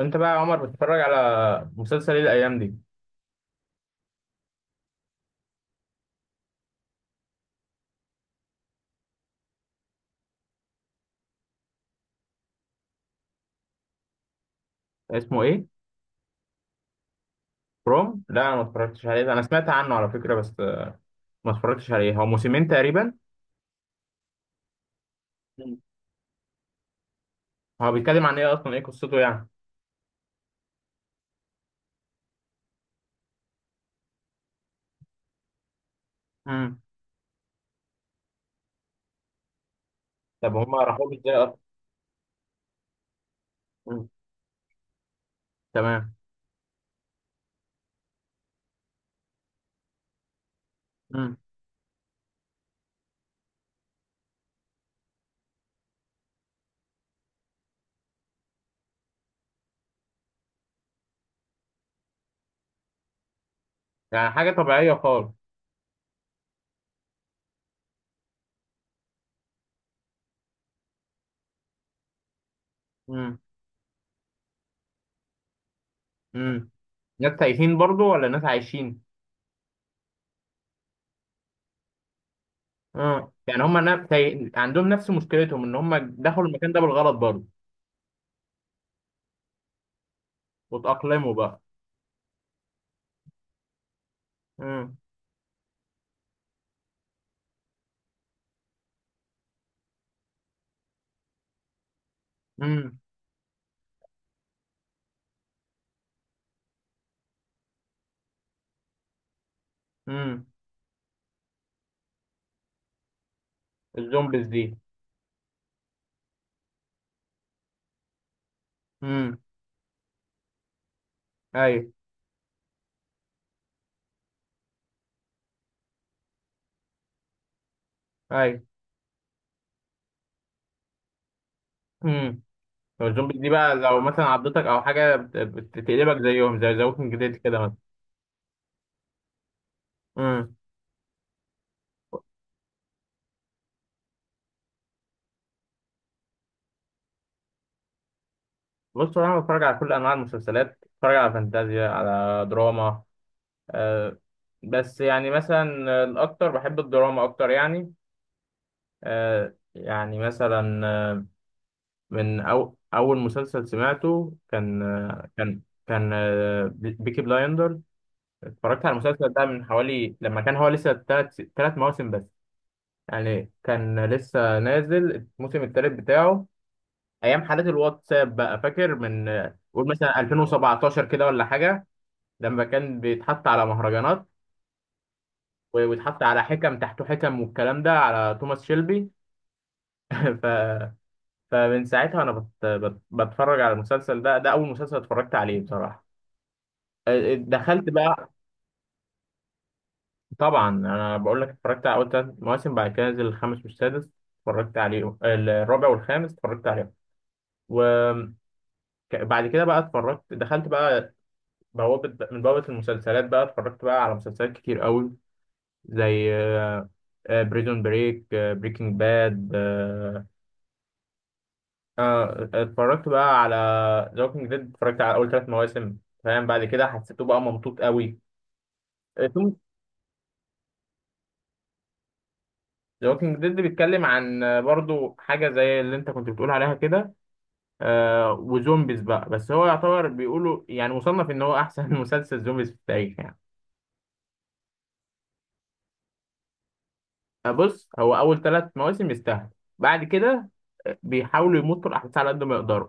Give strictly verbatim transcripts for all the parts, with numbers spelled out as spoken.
انت بقى يا عمر بتتفرج على مسلسل ايه الايام دي؟ اسمه ايه؟ بروم، لا انا ما اتفرجتش عليه ده. انا سمعت عنه على فكره بس، ما اتفرجتش عليه. هو موسمين تقريبا؟ مم. هو بيتكلم عن ايه اصلا، ايه قصته يعني؟ مم. طب هما راحوا له ازاي اصلا؟ مم. تمام. مم. يعني حاجه طبيعيه خالص. مم. مم. ناس تايهين برضو ولا ناس عايشين؟ اه يعني هما ناس تايه... عندهم نفس مشكلتهم ان هما دخلوا المكان ده بالغلط برضو. واتأقلموا بقى. مم. مم. مم. الزومبيز دي. مم. ايوه ايوه. امم. لو الزومبي دي بقى، لو مثلا عضتك او حاجه، بت- بتقلبك زيهم زي ذا ووكينج ديد كده مثلا. امم. بص انا بتفرج على كل انواع المسلسلات، بتفرج على فانتازيا، على دراما. آه. بس يعني مثلا الاكتر بحب الدراما اكتر يعني. آه يعني مثلا آه، من أو اول مسلسل سمعته كان آه، كان كان آه، بيكي بلايندر. اتفرجت على المسلسل ده من حوالي لما كان هو لسه ثلاث ثلاث مواسم بس. يعني كان لسه نازل الموسم الثالث بتاعه ايام حالات الواتساب بقى. فاكر من آه، قول مثلا ألفين وسبعتاشر كده ولا حاجه، لما كان بيتحط على مهرجانات ويتحط على حكم تحته حكم، والكلام ده على توماس شيلبي. ف... فمن ساعتها انا بت... بت... بتفرج على المسلسل ده. ده اول مسلسل اتفرجت عليه بصراحه. آه، دخلت بقى. طبعا انا بقول لك اتفرجت على اول ثلاث مواسم، بعد كده نزل الخامس والسادس. اتفرجت عليه الرابع والخامس اتفرجت عليهم. و... ك- بعد كده بقى اتفرجت، دخلت بقى بوابة من بوابة المسلسلات بقى. اتفرجت بقى على مسلسلات كتير قوي زي بريزون بريك، بريكنج باد. اتفرجت بقى على ذا ووكينج ديد، اتفرجت على اول ثلاث مواسم، فاهم؟ بعد كده حسيته بقى ممطوط قوي. ثم ذا ووكينج ديد بيتكلم عن آه، برضو حاجة زي اللي انت كنت بتقول عليها كده. آه، وزومبيز بقى، بس هو يعتبر بيقولوا يعني مصنف ان هو احسن مسلسل زومبيز في التاريخ يعني. آه، بص هو اول ثلاث مواسم يستاهل. بعد كده آه، بيحاولوا يمطوا الاحداث على قد ما يقدروا.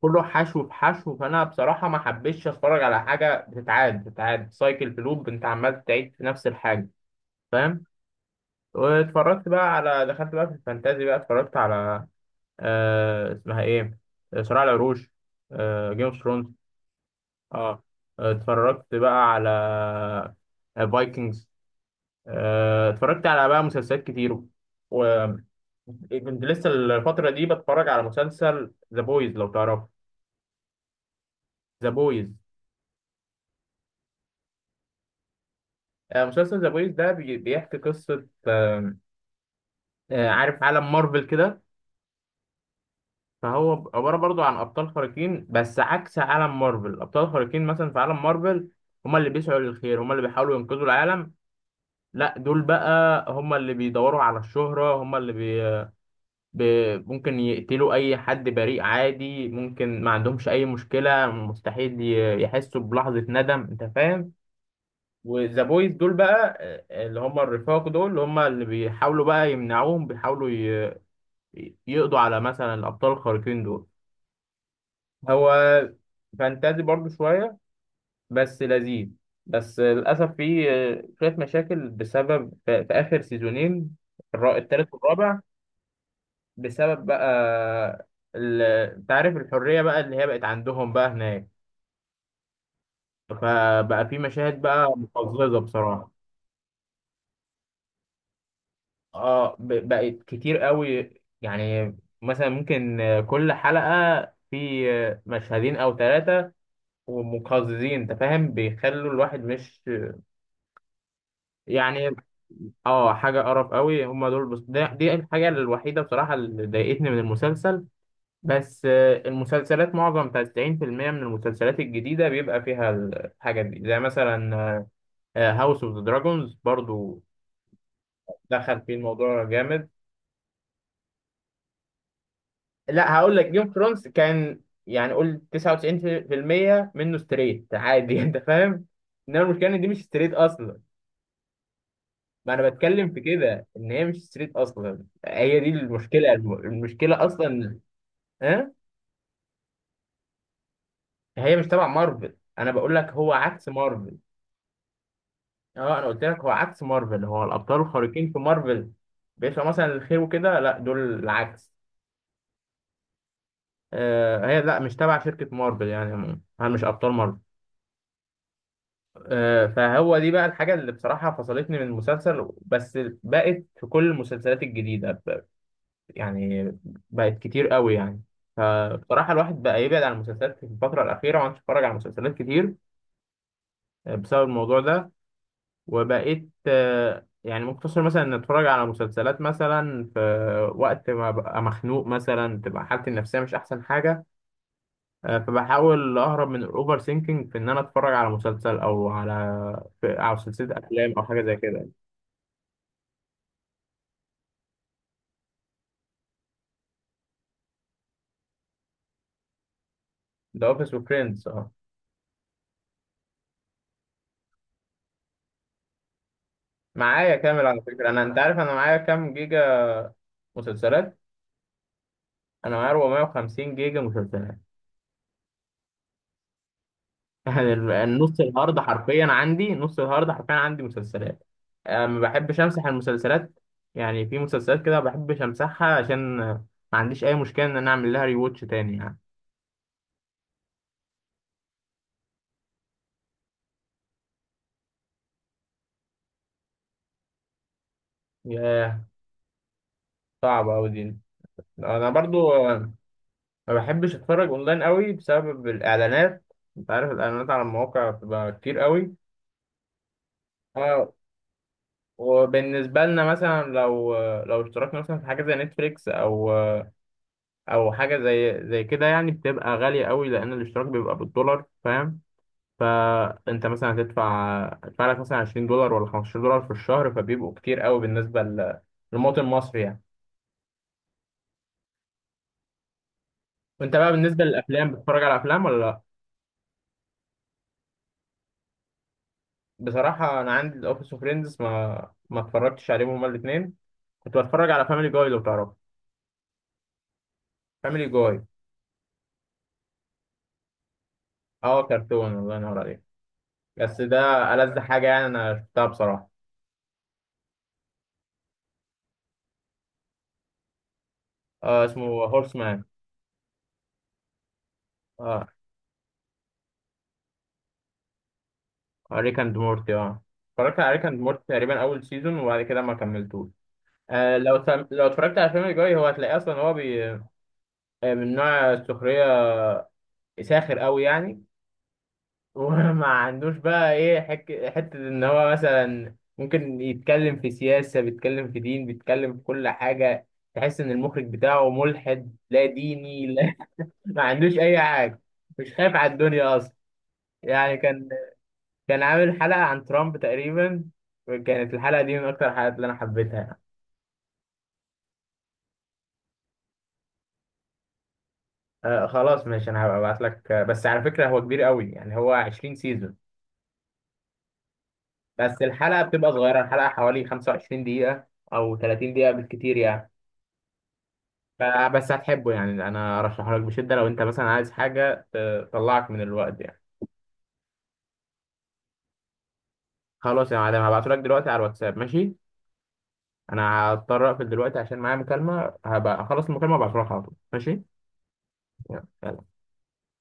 كله حشو في حشو. فانا بصراحه ما حبيتش اتفرج على حاجه بتتعاد بتتعاد سايكل في لوب، انت عمال تعيد في نفس الحاجه، فاهم؟ واتفرجت بقى على، دخلت بقى في الفانتازي بقى، اتفرجت على آه اسمها ايه، آه، صراع العروش، آه جيم اوف ثرونز. اه Game of Thrones. آه، آه، اتفرجت بقى على فايكنجز. آه، اتفرجت على بقى مسلسلات كتير. وكنت لسه الفترة دي بتفرج على مسلسل ذا بويز لو تعرفه. ذا بويز. آه، مسلسل ذا بويز ده بي- بيحكي قصة آه، آه، عارف عالم مارفل كده. فهو عبارة برضو عن أبطال خارقين، بس عكس عالم مارفل. أبطال خارقين مثلا في عالم مارفل، هما اللي بيسعوا للخير، هما اللي بيحاولوا ينقذوا العالم. لا دول بقى هما اللي بيدوروا على الشهرة، هما اللي بي ب... ممكن يقتلوا أي حد بريء عادي، ممكن ما عندهمش أي مشكلة، مستحيل ي- يحسوا بلحظة ندم، أنت فاهم. وذا بويز دول بقى آه، اللي هم الرفاق دول، اللي هم اللي بيحاولوا بقى يمنعوهم، بيحاولوا ي... يقضوا على مثلا الأبطال الخارقين دول. هو فانتازي برضو شوية، بس لذيذ. بس للأسف فيه آه، شوية مشاكل بسبب في في آخر سيزونين، الر- التالت والرابع. بسبب بقى ال- انت عارف الحرية بقى اللي هي بقت عندهم بقى هناك. فبقى في مشاهد بقى مقززة بصراحة. اه ب- بقت كتير قوي. يعني مثلا ممكن كل حلقة في مشهدين او ثلاثة، ومقززين انت فاهم، بيخلوا الواحد مش يعني. اه حاجة قرف قوي هم دول. بس ده- دي الحاجة الوحيدة بصراحة اللي ضايقتني من المسلسل. بس آه، المسلسلات معظم تسعين في المية من المسلسلات الجديدة بيبقى فيها الحاجات دي، زي مثلا هاوس اوف ذا دراجونز برضو، دخل فيه الموضوع جامد. لا هقول لك جيم فرونز كان يعني قول تسعة وتسعين في المية منه ستريت عادي انت فاهم. انما المشكلة ان دي مش ستريت اصلا. ما انا بتكلم في كده ان هي مش ستريت اصلا، هي دي المشكلة، الم- المشكلة اصلا. ها. هي مش تبع مارفل، انا بقول لك هو عكس مارفل. اه انا قلت لك هو عكس مارفل. هو الابطال الخارقين في مارفل بيطلع مثلا الخير وكده، لا دول العكس. آه هي لا مش تبع شركة مارفل يعني، هل مش ابطال مارفل. آه فهو دي بقى الحاجة اللي بصراحة فصلتني من المسلسل. بس بقت في كل المسلسلات الجديدة ب- يعني بقت كتير قوي يعني. فبصراحة الواحد بقى يبعد عن المسلسلات في الفترة الأخيرة وما عادش يتفرج على مسلسلات كتير آه، بسبب الموضوع ده. وبقيت آه، يعني مقتصر مثلا ان اتفرج على مسلسلات مثلا في وقت ما ببقى مخنوق، مثلا تبقى حالتي النفسيه مش احسن حاجه. آه، فبحاول اهرب من الاوفر سينكينج في ان انا اتفرج على مسلسل او على في- او سلسله افلام او حاجه زي كده. ذا اوفيس وفريندز اه. معايا كامل على فكره. انا انت عارف انا معايا كام جيجا مسلسلات؟ انا معايا اربعمية وخمسين جيجا مسلسلات. يعني النص الهارد حرفيا عندي، نص الهارد حرفيا عندي مسلسلات. آه، ما بحبش امسح المسلسلات. يعني في مسلسلات كده ما بحبش امسحها عشان آه، ما عنديش اي مشكله ان انا اعمل لها ريواتش تاني يعني. ياه صعبه قوي دي. انا برضو آه، ما بحبش اتفرج اونلاين قوي بسبب الاعلانات. انت عارف الاعلانات على المواقع بتبقى كتير قوي. اه وبالنسبه لنا مثلا لو آه، لو اشتركنا مثلا في حاجه زي نتفليكس او آه، او حاجه زي زي كده يعني، بتبقى غاليه قوي لان الاشتراك بيبقى بالدولار، فاهم؟ فانت مثلا هتدفع، هتدفع لك مثلا عشرين دولار ولا خمسة عشر دولار في الشهر، فبيبقوا كتير قوي بالنسبه ل- للمواطن المصري يعني. وانت بقى بالنسبه للافلام بتتفرج على افلام ولا لا؟ بصراحه انا عندي الاوفيس اوف فريندز ما ما اتفرجتش عليهم هما الاثنين. كنت بتفرج على فاميلي جاي لو تعرفه. فاميلي جاي اه كرتون، الله ينور عليك. بس ده ألذ حاجه يعني انا شفتها بصراحه. آه اسمه هورس مان. اه ريك اند مورتي اه. اتفرجت على ريك اند مورتي تقريبا اول سيزون وبعد كده ما كملتوش. آه، لو اتفرج- لو اتفرجت على فيلم الجوي هو هتلاقيه اصلا، هو بي... آه، من نوع السخريه، ساخر قوي يعني. وما عندوش بقى ايه حك... حته ان هو مثلا ممكن يتكلم في سياسه، بيتكلم في دين، بيتكلم في كل حاجه. تحس ان المخرج بتاعه ملحد لا ديني لا. ما عندوش اي حاجه. مش خايف على الدنيا اصلا يعني. كان كان عامل حلقه عن ترامب تقريبا. كانت الحلقه دي من اكتر الحلقات اللي انا حبيتها. آه خلاص ماشي انا هبعت لك. آه، بس على فكره هو كبير قوي يعني، هو عشرين سيزون. بس الحلقه بتبقى صغيره، الحلقه حوالي خمسة وعشرين دقيقه او ثلاثين دقيقه بالكتير يعني. ف- بس هتحبه يعني، انا ارشحه لك بشده لو انت مثلا عايز حاجه تطلعك من الوقت يعني. خلاص يا معلم هبعته لك دلوقتي على الواتساب، ماشي؟ انا هضطر اقفل دلوقتي عشان معايا مكالمه، هبقى اخلص المكالمه وابعته لك على طول، ماشي؟ يلا.